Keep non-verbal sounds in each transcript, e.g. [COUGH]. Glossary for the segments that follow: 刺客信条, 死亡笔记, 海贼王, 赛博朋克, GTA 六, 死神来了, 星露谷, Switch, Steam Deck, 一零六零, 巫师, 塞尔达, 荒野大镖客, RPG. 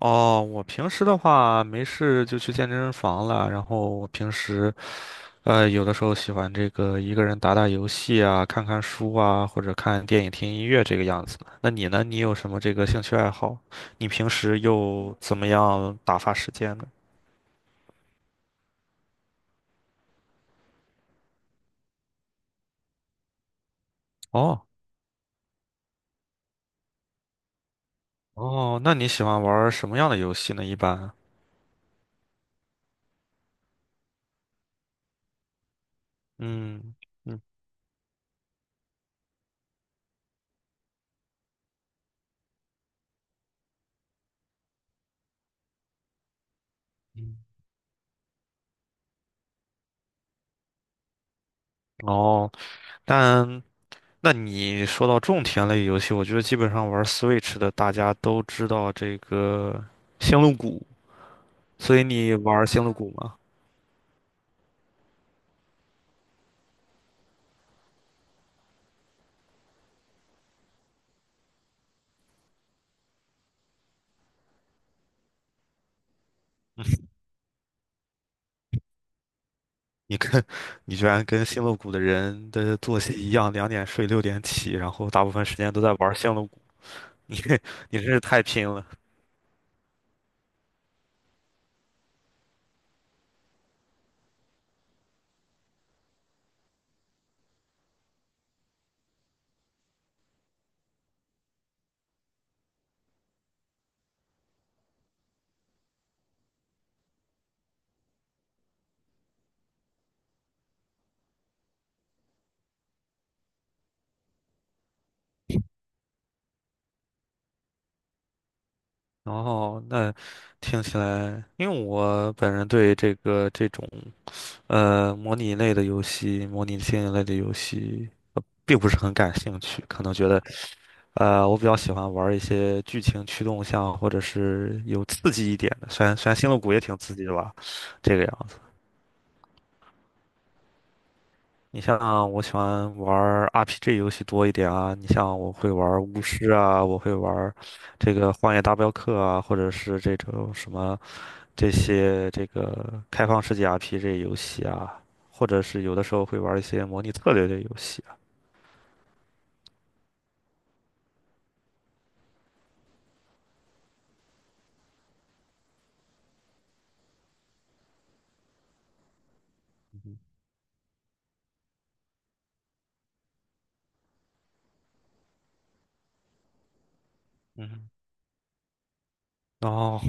哦，我平时的话没事就去健身房了，然后我平时有的时候喜欢这个一个人打打游戏啊，看看书啊，或者看电影、听音乐这个样子。那你呢？你有什么这个兴趣爱好？你平时又怎么样打发时间呢？哦哦，那你喜欢玩儿什么样的游戏呢？一般，嗯嗯嗯，哦，但。那你说到种田类游戏，我觉得基本上玩 Switch 的大家都知道这个星露谷，所以你玩星露谷吗？你居然跟星露谷的人的作息一样，2点睡6点起，然后大部分时间都在玩星露谷，[LAUGHS] 你你真是太拼了。然后那听起来，因为我本人对这个这种模拟类的游戏、模拟经营类的游戏并不是很感兴趣，可能觉得。我比较喜欢玩一些剧情驱动项，或者是有刺激一点的。虽然星露谷也挺刺激的吧，这个样子。你像我喜欢玩 RPG 游戏多一点啊，你像我会玩巫师啊，我会玩这个《荒野大镖客》啊，或者是这种什么这些这个开放世界 RPG 游戏啊，或者是有的时候会玩一些模拟策略类游戏啊。嗯哼嗯哼哦，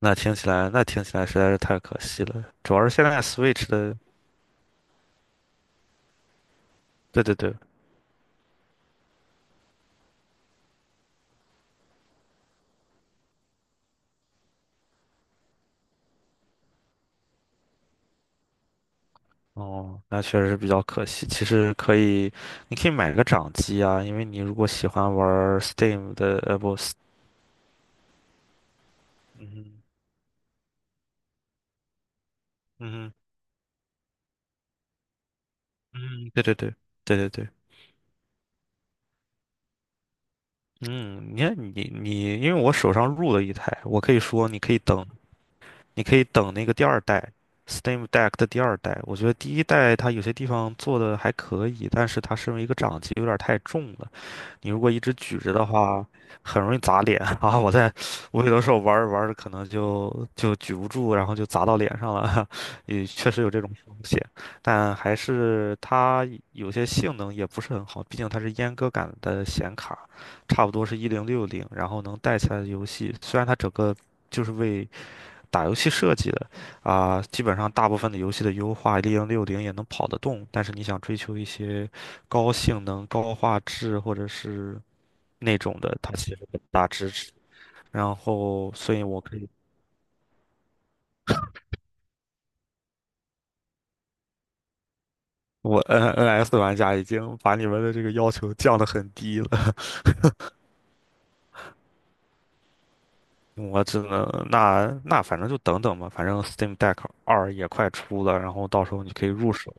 那听起来实在是太可惜了，主要是现在 Switch 的。对对对，哦，那确实是比较可惜。其实可以，你可以买个掌机啊，因为你如果喜欢玩儿 Steam 的，不，嗯嗯嗯，对对对对对对，嗯，你看你，因为我手上入了一台，我可以说你可以等，你可以等那个第二代 Steam Deck 的第二代。我觉得第一代它有些地方做的还可以，但是它身为一个掌机有点儿太重了。你如果一直举着的话，很容易砸脸 [LAUGHS] 啊！我在，我有的时候玩着玩着可能就举不住，然后就砸到脸上了，[LAUGHS] 也确实有这种风险。但还是它有些性能也不是很好，毕竟它是阉割感的显卡，差不多是一零六零，然后能带起来的游戏，虽然它整个就是为打游戏设计的，啊、基本上大部分的游戏的优化，一零六零也能跑得动，但是你想追求一些高性能、高画质或者是那种的，它其实很大支持。然后，所以我可以，我 NNS 玩家已经把你们的这个要求降得很低了。[LAUGHS] 我只能那反正就等等吧，反正 Steam Deck 二也快出了，然后到时候你可以入手。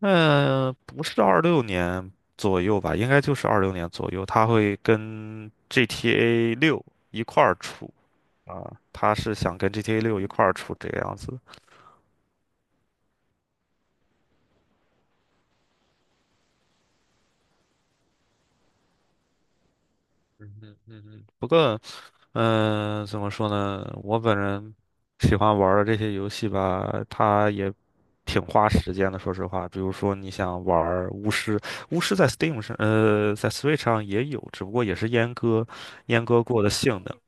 嗯、不是二六年左右吧，应该就是二六年左右，它会跟 GTA 六一块儿出啊，它是想跟 GTA 六一块儿出这个样子。嗯嗯，不过，怎么说呢？我本人喜欢玩儿的这些游戏吧，它也挺花时间的。说实话，比如说你想玩儿巫师，巫师在 Steam 上，在 Switch 上也有，只不过也是阉割过的性能。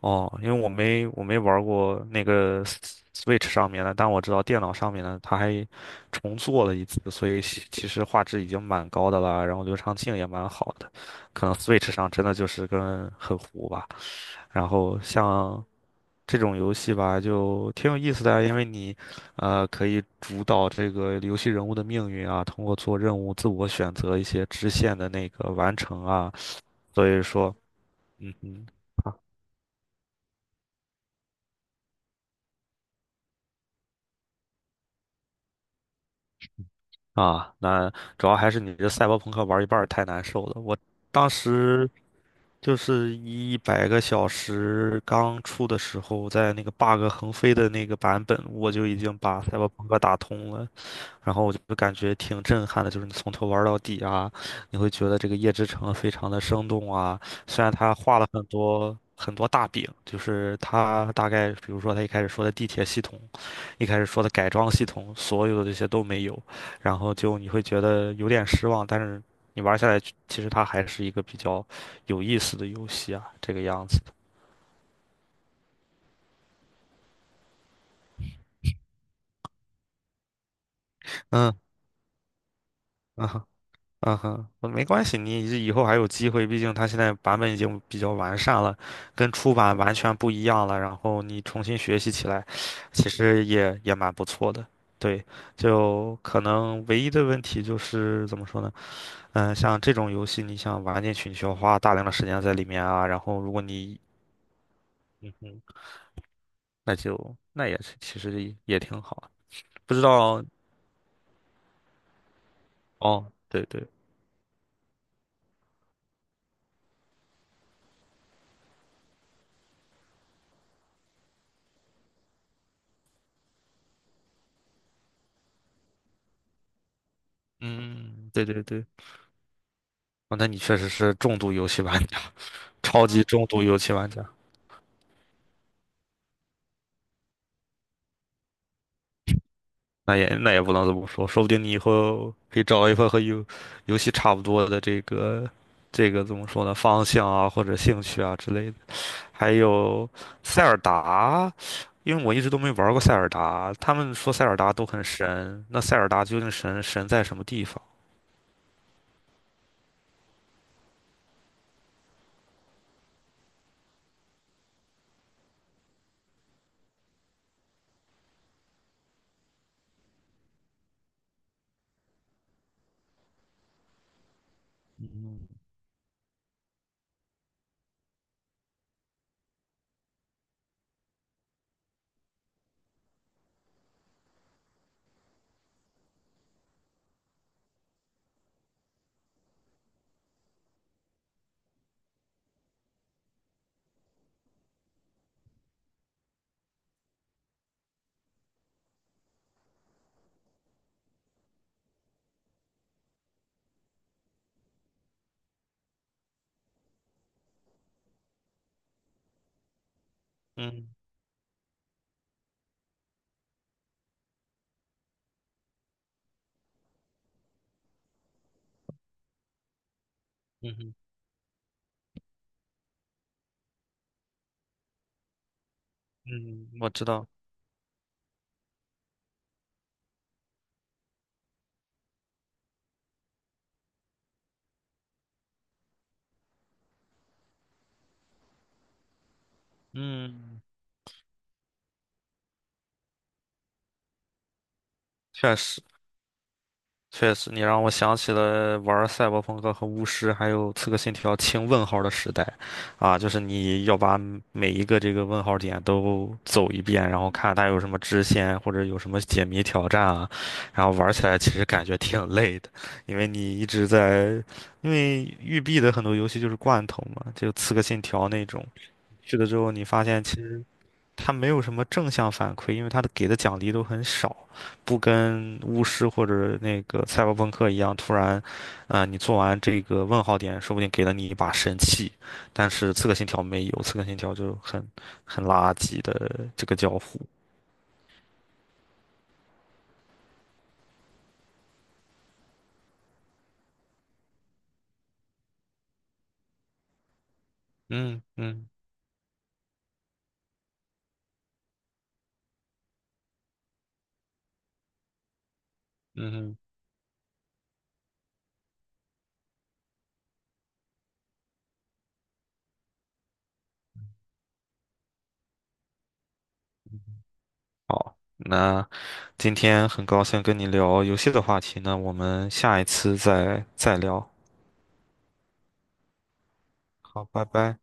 哦，因为我没玩过那个 S- w i t c h 上面的，但我知道电脑上面的，它还重做了一次，所以其实画质已经蛮高的了，然后流畅性也蛮好的，可能 Switch 上真的就是跟很糊吧。然后像这种游戏吧，就挺有意思的啊因为你，可以主导这个游戏人物的命运啊，通过做任务自我选择一些支线的那个完成啊，所以说。嗯哼。啊，那主要还是你这赛博朋克玩一半儿太难受了。我当时就是100个小时刚出的时候，在那个 bug 横飞的那个版本，我就已经把赛博朋克打通了。然后我就感觉挺震撼的，就是你从头玩到底啊，你会觉得这个夜之城非常的生动啊。虽然他画了很多很多大饼，就是他大概，比如说他一开始说的地铁系统，一开始说的改装系统，所有的这些都没有，然后就你会觉得有点失望，但是你玩下来，其实它还是一个比较有意思的游戏啊，这个样子的。嗯嗯嗯哼，没关系，你以后还有机会，毕竟它现在版本已经比较完善了，跟初版完全不一样了。然后你重新学习起来，其实也蛮不错的。对，就可能唯一的问题就是怎么说呢？嗯，像这种游戏，你想玩进去，你需要花大量的时间在里面啊。然后如果你那就那也是其实也挺好的不知道哦，对对，嗯，对对对，哦，那你确实是重度游戏玩家。超级重度游戏玩家，那也不能这么说，说不定你以后可以找一份和游戏差不多的这个怎么说呢，方向啊或者兴趣啊之类的。还有塞尔达，因为我一直都没玩过塞尔达，他们说塞尔达都很神，那塞尔达究竟神神在什么地方？嗯嗯哼嗯，我知道，嗯，确实。确实，你让我想起了玩赛博朋克和巫师，还有刺客信条清问号的时代，啊，就是你要把每一个这个问号点都走一遍，然后看它有什么支线或者有什么解谜挑战啊，然后玩起来其实感觉挺累的，因为你一直在，因为育碧的很多游戏就是罐头嘛，就刺客信条那种，去了之后你发现。他没有什么正向反馈，因为他的给的奖励都很少，不跟巫师或者那个赛博朋克一样，突然，啊，你做完这个问号点，说不定给了你一把神器，但是刺客信条没有，刺客信条就很垃圾的这个交互。嗯嗯嗯哼那今天很高兴跟你聊游戏的话题呢，我们下一次再聊。好，拜拜。